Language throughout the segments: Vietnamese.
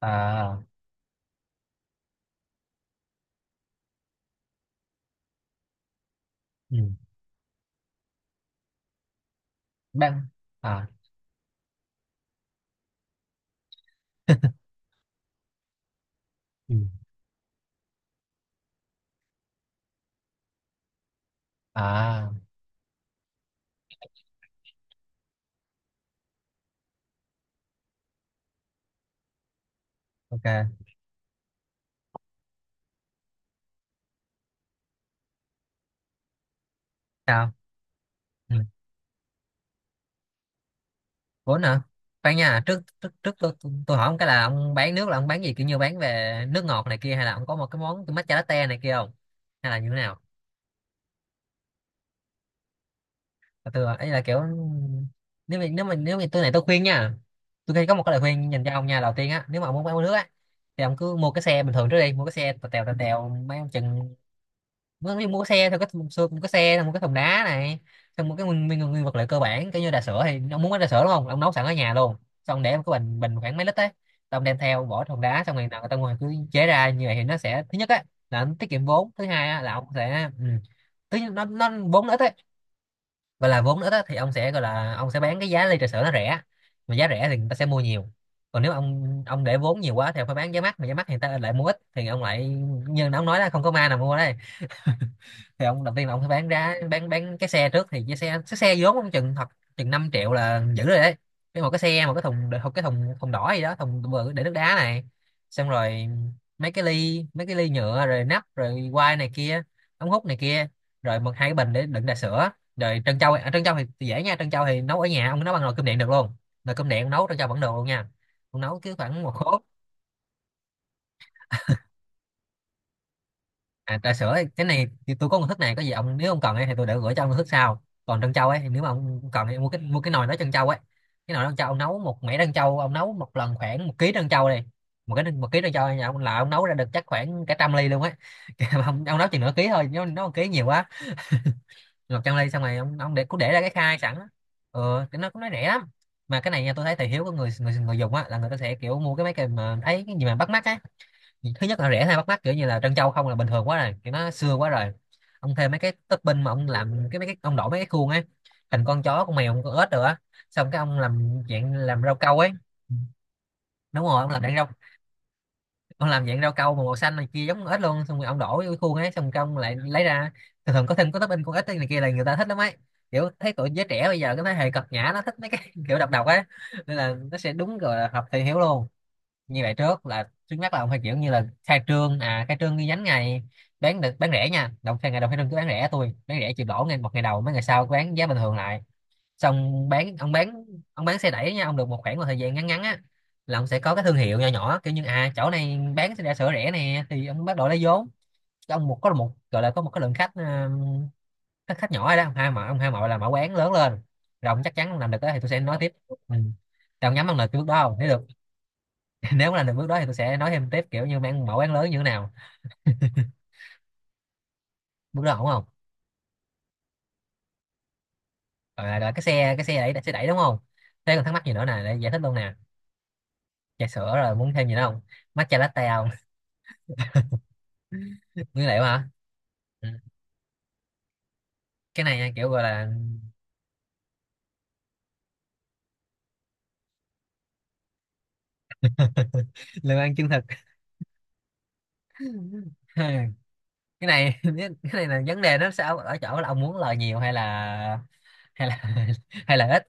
À. Ừ. Ban à. Ừ. À, ok. Sao? Ừ. Vốn hả? Khoan nha, trước trước trước tôi hỏi ông cái là ông bán nước là ông bán gì, kiểu như bán về nước ngọt này kia, hay là ông có một cái món cái matcha latte này kia không, hay là như thế nào? Và tôi ấy là kiểu, nếu mà tôi này tôi khuyên nha, tôi thấy có một cái lời khuyên dành cho ông nha, đầu tiên á, nếu mà ông muốn bán nước á thì ông cứ mua cái xe bình thường trước đi, mua cái xe tèo tèo tèo tèo, mấy ông chừng nó mới mua xe thôi, có thùng xương, một cái xe thùng, một cái thùng đá này. Xong một cái nguyên vật liệu cơ bản, kiểu như trà sữa, thì ông muốn cái trà sữa đúng không, ông nấu sẵn ở nhà luôn, xong ông để một cái bình bình khoảng mấy lít ấy, xong đem theo bỏ thùng đá, xong rồi nào người ta ngoài cứ chế ra như vậy. Thì nó sẽ, thứ nhất á, là nó tiết kiệm vốn, thứ hai á là ông sẽ, ừ, thứ nhất nó vốn nó ít ấy, gọi là vốn nó ít á, thì ông sẽ, gọi là ông sẽ bán cái giá ly trà sữa nó rẻ, mà giá rẻ thì người ta sẽ mua nhiều. Còn nếu ông để vốn nhiều quá thì ông phải bán giá mắc, mà giá mắc thì người ta lại mua ít, thì ông lại như ông nói là không có ma nào mua đây. Thì ông đầu tiên là ông phải bán ra, bán cái xe trước, thì cái xe vốn ông chừng thật, chừng 5 triệu là giữ rồi đấy. Cái một cái xe, một cái thùng thùng đỏ gì đó, thùng bự để nước đá này, xong rồi mấy cái ly, mấy cái ly nhựa rồi nắp rồi quai này kia, ống hút này kia, rồi một hai cái bình để đựng trà sữa, rồi trân châu. À, trân châu thì dễ nha, trân châu thì nấu ở nhà, ông nấu bằng nồi cơm điện được luôn, nồi cơm điện nấu trân châu vẫn được luôn nha. Ông nấu cứ khoảng một hố. À, trà sữa ấy, cái này thì tôi có công thức này, có gì ông nếu ông cần ấy thì tôi để gửi cho ông công thức sau. Còn trân châu ấy thì nếu mà ông cần thì mua cái, mua cái nồi đó trân châu ấy. Cái nồi trân châu ông nấu một mẻ trân châu, ông nấu một lần khoảng 1 ký trân châu này. Một cái, 1 ký trân châu nhà ông là ông nấu ra được chắc khoảng cả trăm ly luôn ấy. Kìa, mà ông, nấu chừng nửa ký thôi, nếu nó 1 ký nhiều quá, 100 ly. Xong rồi ông để cứ để ra cái khai sẵn á. Ừ, cái nó cũng nó rẻ lắm. Mà cái này nha, tôi thấy thị hiếu của người người người dùng á là người ta sẽ kiểu mua cái, mấy cái mà thấy cái gì mà bắt mắt á. Thứ nhất là rẻ hay bắt mắt, kiểu như là trân châu không là bình thường quá rồi, kiểu nó xưa quá rồi, ông thêm mấy cái topping, mà ông làm cái mấy cái ông đổ mấy cái khuôn ấy, thành con chó con mèo con ếch rồi á, xong cái ông làm dạng, làm rau câu ấy. Đúng rồi, ông làm dạng rau, ông làm dạng rau câu mà màu xanh này kia giống con ếch luôn, xong rồi ông đổ vô cái khuôn ấy, xong cái ông lại lấy ra. Thường thường có thêm có topping con ếch này kia là người ta thích lắm ấy, kiểu thấy tụi giới trẻ bây giờ, cái thế hệ cật nhã nó thích mấy cái kiểu độc độc ấy, nên là nó sẽ, đúng rồi, là hợp thị hiếu luôn. Như vậy trước là trước mắt là ông phải kiểu như là khai trương, à khai trương ghi nhánh ngày, bán được, bán rẻ nha đồng khai, ngày đầu khai trương cứ bán rẻ, tôi bán rẻ chịu lỗ ngay một ngày đầu, mấy ngày sau bán giá bình thường lại, xong bán ông bán, ông bán xe đẩy nha, ông được một khoảng một thời gian ngắn ngắn á, là ông sẽ có cái thương hiệu nhỏ nhỏ, kiểu như à chỗ này bán xe đạp sửa rẻ nè, thì ông bắt đầu lấy vốn. Cho ông một, có một, gọi là có một cái lượng khách, ờ, khách khách nhỏ rồi đó, ông hai mợ, là mở quán lớn lên, rồi ông chắc chắn ông làm được đó, thì tôi sẽ nói tiếp. Ừ. Thì nhắm bằng lời cái bước đó không? Nếu được. Nếu mà làm được bước đó thì tôi sẽ nói thêm tiếp, kiểu như mang mẫu án lớn như thế nào. Bước đó ổn không? Rồi, rồi cái xe đẩy, xe đẩy đúng không? Thế còn thắc mắc gì nữa nè, để giải thích luôn nè, trà sữa rồi muốn thêm gì nữa không, matcha latte không? Nguyên liệu hả? Ừ. Cái này nha, kiểu gọi là, lương ăn chân thực. Cái này, cái này là vấn đề, nó sao ở chỗ là ông muốn lời nhiều hay là, hay là hay là ít?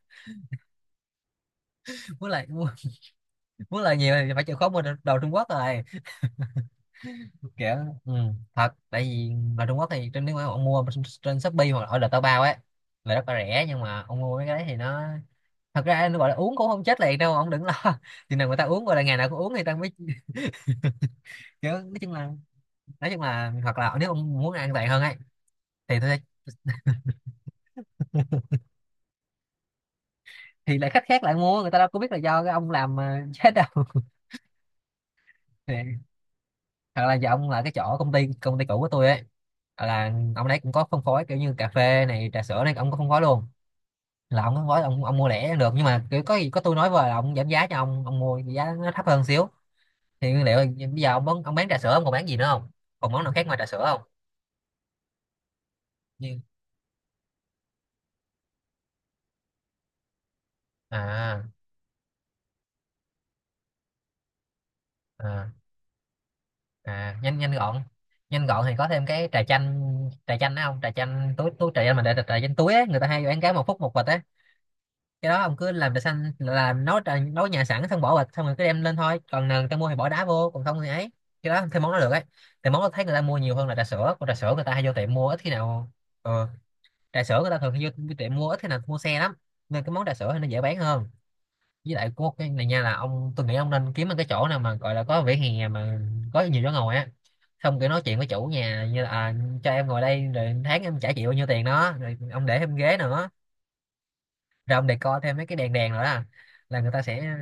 Muốn lời muốn, muốn lời nhiều thì phải chịu khó mua đồ Trung Quốc rồi, kiểu, ừ, thật. Tại vì ở Trung Quốc thì trên, nếu mà ông mua trên Shopee hoặc là ở Taobao Bao ấy là rất là rẻ, nhưng mà ông mua mấy cái đấy thì nó, thật ra nó gọi là uống cũng không chết liền đâu ông đừng lo. Chừng nào người ta uống, gọi là ngày nào cũng uống thì ta mới, kiểu nói chung là, nói chung là hoặc là nếu ông muốn an toàn hơn ấy thì thôi- thì lại khách khác lại mua, người ta đâu có biết là do cái ông làm mà chết đâu. Thì, hoặc là giờ ông là cái chỗ công ty cũ của tôi ấy, là ông đấy cũng có phân phối, kiểu như cà phê này trà sữa này, ông có phân phối luôn, là ông gói ông mua lẻ được, nhưng mà kiểu có gì có tôi nói với là ông giảm giá cho ông mua giá nó thấp hơn xíu, thì nguyên liệu. Bây giờ ông bán trà sữa ông còn bán gì nữa không, còn món nào khác ngoài trà sữa không? Như à, à, à, nhanh, nhanh gọn. Nhanh gọn thì có thêm cái trà chanh, trà chanh đó không, trà chanh túi, túi trà chanh mà, để trà chanh túi á, người ta hay bán cái một phút một bịch á, cái đó ông cứ làm trà xanh là nấu trà nấu nhà sẵn, xong bỏ bịch xong rồi cứ đem lên thôi, còn nào người ta mua thì bỏ đá vô, còn không thì ấy, cái đó thêm món đó được ấy. Thì món đó thấy người ta mua nhiều hơn là trà sữa, còn trà sữa người ta hay vô tiệm mua ít khi nào. Ờ, trà sữa người ta thường hay vô tiệm mua ít khi nào, mua xe lắm, nên cái món trà sữa thì nó dễ bán hơn. Với lại có một cái này nha, là ông tôi nghĩ ông nên kiếm một cái chỗ nào mà gọi là có vỉa hè mà có nhiều chỗ ngồi á, xong kiểu nói chuyện với chủ nhà như là, à, cho em ngồi đây rồi tháng em trả chịu bao nhiêu tiền đó, rồi ông để thêm ghế nữa, rồi ông decor thêm mấy cái đèn đèn nữa là người ta sẽ,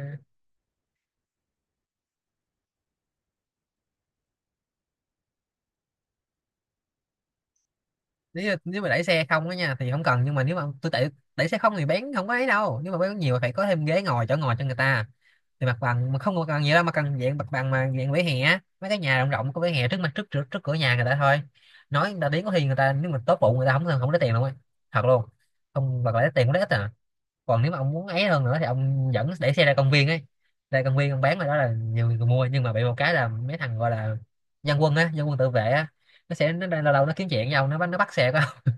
nếu nếu mà đẩy xe không á nha thì không cần, nhưng mà nếu mà tôi đẩy, đẩy xe không thì bán không có ấy đâu, nhưng mà bán nhiều phải có thêm ghế ngồi chỗ ngồi cho người ta. Thì mặt bằng mà không có cần nhiều đâu, mà cần dạng mặt bằng mà dạng vỉa hè á, mấy cái nhà rộng rộng có vỉa hè trước mặt, trước trước, trước cửa nhà người ta thôi, nói người ta đến, có khi người ta nếu mà tốt bụng người ta không không lấy tiền luôn ấy, thật luôn, không, hoặc là lấy tiền cũng lấy ít à. Còn nếu mà ông muốn ấy hơn nữa thì ông dẫn để xe ra công viên ấy, ra công viên ông bán ở đó là nhiều người mua, nhưng mà bị một cái là Mấy thằng gọi là dân quân á, dân quân tự vệ á, nó sẽ nó lâu lâu nó kiếm chuyện với ông, nó bắt xe của ông.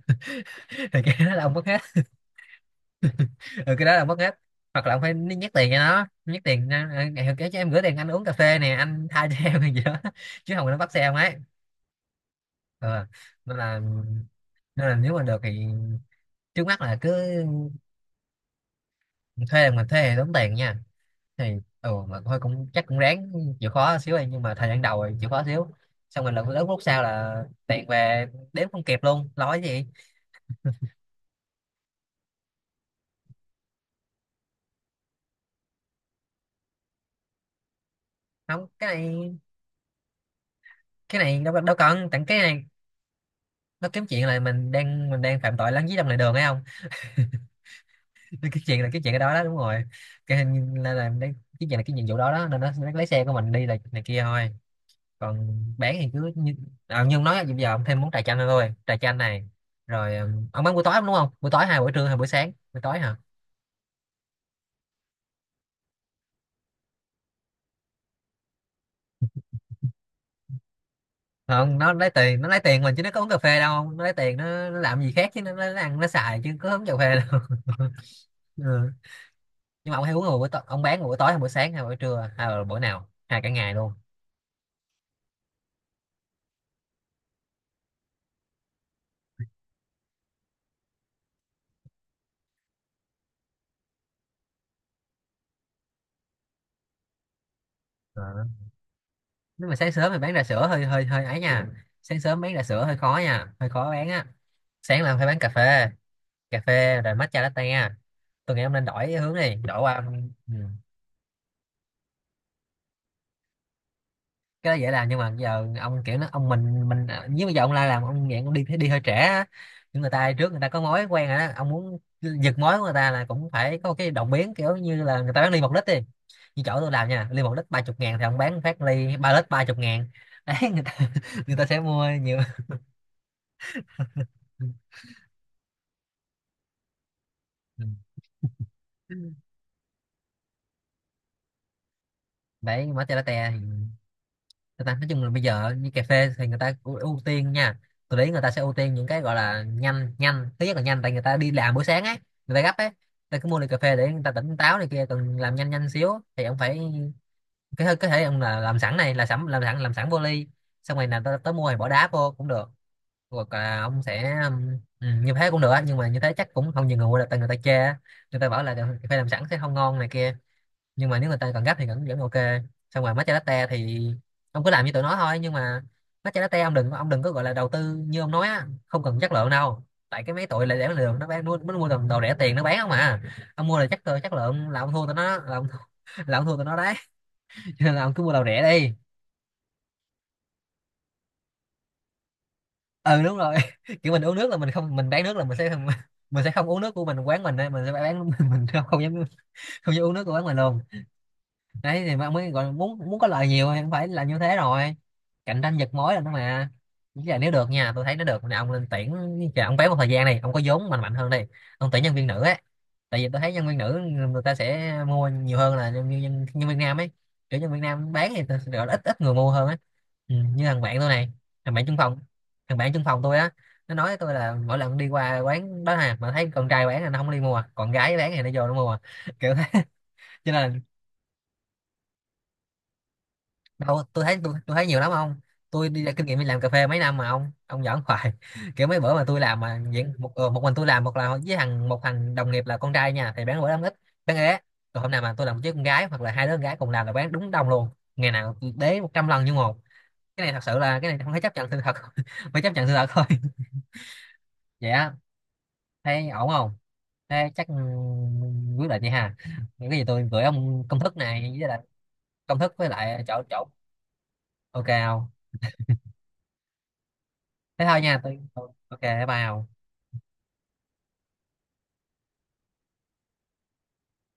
Thì cái đó là ông mất hết. Ừ, cái đó là ông mất hết. Hoặc là ông phải nhét tiền cho nó, nhét tiền ra, "Ờ, ngày kia cho em gửi tiền anh uống cà phê nè, anh tha cho em hay gì đó." Chứ không là nó bắt xe ông ấy. Ờ, nên là, nên là nếu mà được thì trước mắt là cứ thuê. Là mình thuê thì tốn tiền nha, thì ừ mà thôi cũng chắc cũng ráng chịu khó xíu ấy, nhưng mà thời gian đầu thì chịu khó xíu, xong rồi lần lúc lúc sau là tiện về đếm không kịp luôn nói gì. Không, cái này, cái này đâu đâu cần tặng cái này. Nó kiếm chuyện là mình đang phạm tội lấn dưới lòng lề đường hay không. Cái chuyện là, cái chuyện cái đó đó đúng rồi. Cái hình là cái chuyện là cái nhiệm vụ đó đó, nên nó lấy xe của mình đi là này kia thôi. Còn bán thì cứ như, à, nhưng nói là bây giờ ông thêm món trà chanh nữa thôi, trà chanh này. Rồi ừ, ông bán buổi tối đúng không, buổi tối hai, buổi trưa hai, buổi sáng buổi tối hả? Không, nó lấy tiền, nó lấy tiền mình chứ nó có uống cà phê đâu. Nó lấy tiền nó làm gì khác chứ ăn nó xài chứ có uống cà phê đâu. Ừ. Nhưng mà ông hay uống vào buổi tối, ông bán vào buổi tối hay buổi sáng hay buổi trưa hay là buổi nào hay cả ngày luôn? Ờ. Nếu mà sáng sớm thì bán trà sữa hơi hơi hơi ấy nha. Sáng sớm bán trà sữa hơi khó nha, hơi khó bán á. Sáng là phải bán cà phê, cà phê rồi matcha latte. Tôi nghĩ ông nên đổi hướng đi, đổi qua. Ừ. Cái đó dễ làm nhưng mà giờ ông kiểu nó, ông mình nếu bây giờ ông la làm ông nghiện, ông đi đi hơi trễ á. Những người ta trước người ta có mối quen rồi đó, ông muốn giật mối của người ta là cũng phải có cái động biến, kiểu như là người ta bán ly 1 lít đi. Như chỗ tôi làm nha, ly 1 lít 30.000 thì ông bán phát ly 3 lít 30.000, đấy người ta người ta sẽ mua nhiều. Ừ. Đấy, mở chai latte. Người ta nói chung là bây giờ như cà phê thì người ta ưu ưu tiên nha. Tôi thấy người ta sẽ ưu tiên những cái gọi là nhanh, nhanh thứ nhất là nhanh, tại người ta đi làm buổi sáng ấy, người ta gấp ấy, người ta cứ mua ly cà phê để người ta tỉnh táo này kia, cần làm nhanh nhanh xíu thì ông phải, có thể ông là làm sẵn, này là sẵn, làm sẵn vô ly, xong rồi là tới mua thì bỏ đá vô cũng được. Hoặc là ông sẽ như thế cũng được á, nhưng mà như thế chắc cũng không nhiều người mua được tại người ta chê á. Người ta bảo là cà phê làm sẵn sẽ không ngon này kia, nhưng mà nếu người ta cần gấp thì vẫn vẫn ok. Xong rồi matcha latte thì ông cứ làm như tụi nó thôi, nhưng mà matcha latte ông đừng có gọi là đầu tư như ông nói á, không cần chất lượng đâu, tại cái mấy tụi lại để lượng nó bán, nó mua đồ rẻ tiền nó bán không à. Ông mua là chất lượng, chất lượng là ông thua tụi nó, là ông thua, là ông thua tụi nó đấy. Cho nên là ông cứ mua đồ rẻ đi. Ừ, đúng rồi. Kiểu mình uống nước là mình không, mình bán nước là mình sẽ mình sẽ không uống nước của mình, quán mình đây mình sẽ bán, mình không không dám, không dám uống nước của quán mình luôn. Đấy, thì mà mới gọi, muốn muốn có lợi nhiều thì cũng phải là như thế rồi. Cạnh tranh giật mối là nó mà. Với là nếu được nha, tôi thấy nó được nè, ông lên tuyển, chờ ông béo một thời gian này, ông có vốn mạnh mạnh hơn đi, ông tuyển nhân viên nữ ấy, tại vì tôi thấy nhân viên nữ người ta sẽ mua nhiều hơn là nhân viên nam ấy. Kiểu nhân viên nam bán thì tôi gọi là ít ít người mua hơn á. Ừ, như thằng bạn tôi này, thằng bạn chung phòng thằng bạn chung phòng tôi á, nó nói với tôi là mỗi lần đi qua quán đó nè mà thấy con trai bán là nó không đi mua, còn gái bán thì nó vô nó mua kiểu thế. Cho nên là đâu, tôi thấy tôi thấy nhiều lắm ông. Tôi đi ra kinh nghiệm đi làm cà phê mấy năm mà ông giỡn hoài. Kiểu mấy bữa mà tôi làm mà diễn một, một mình tôi làm, một là với một thằng đồng nghiệp là con trai nha thì bán bữa lắm ít, bán ế. Rồi hôm nào mà tôi làm với con gái hoặc là hai đứa con gái cùng làm là bán đúng đông luôn. Ngày nào tôi đế 100 lần như một. Cái này thật sự là cái này không thể chấp nhận sự thật. Phải chấp nhận sự thật thôi. Vậy á, thấy ổn không? Thế chắc ừ, quyết định vậy ha. Những cái gì tôi gửi ông công thức này với lại, công thức với lại chỗ chỗ, ok không? Thế thôi nha, tôi ok. Bye bye Hồng.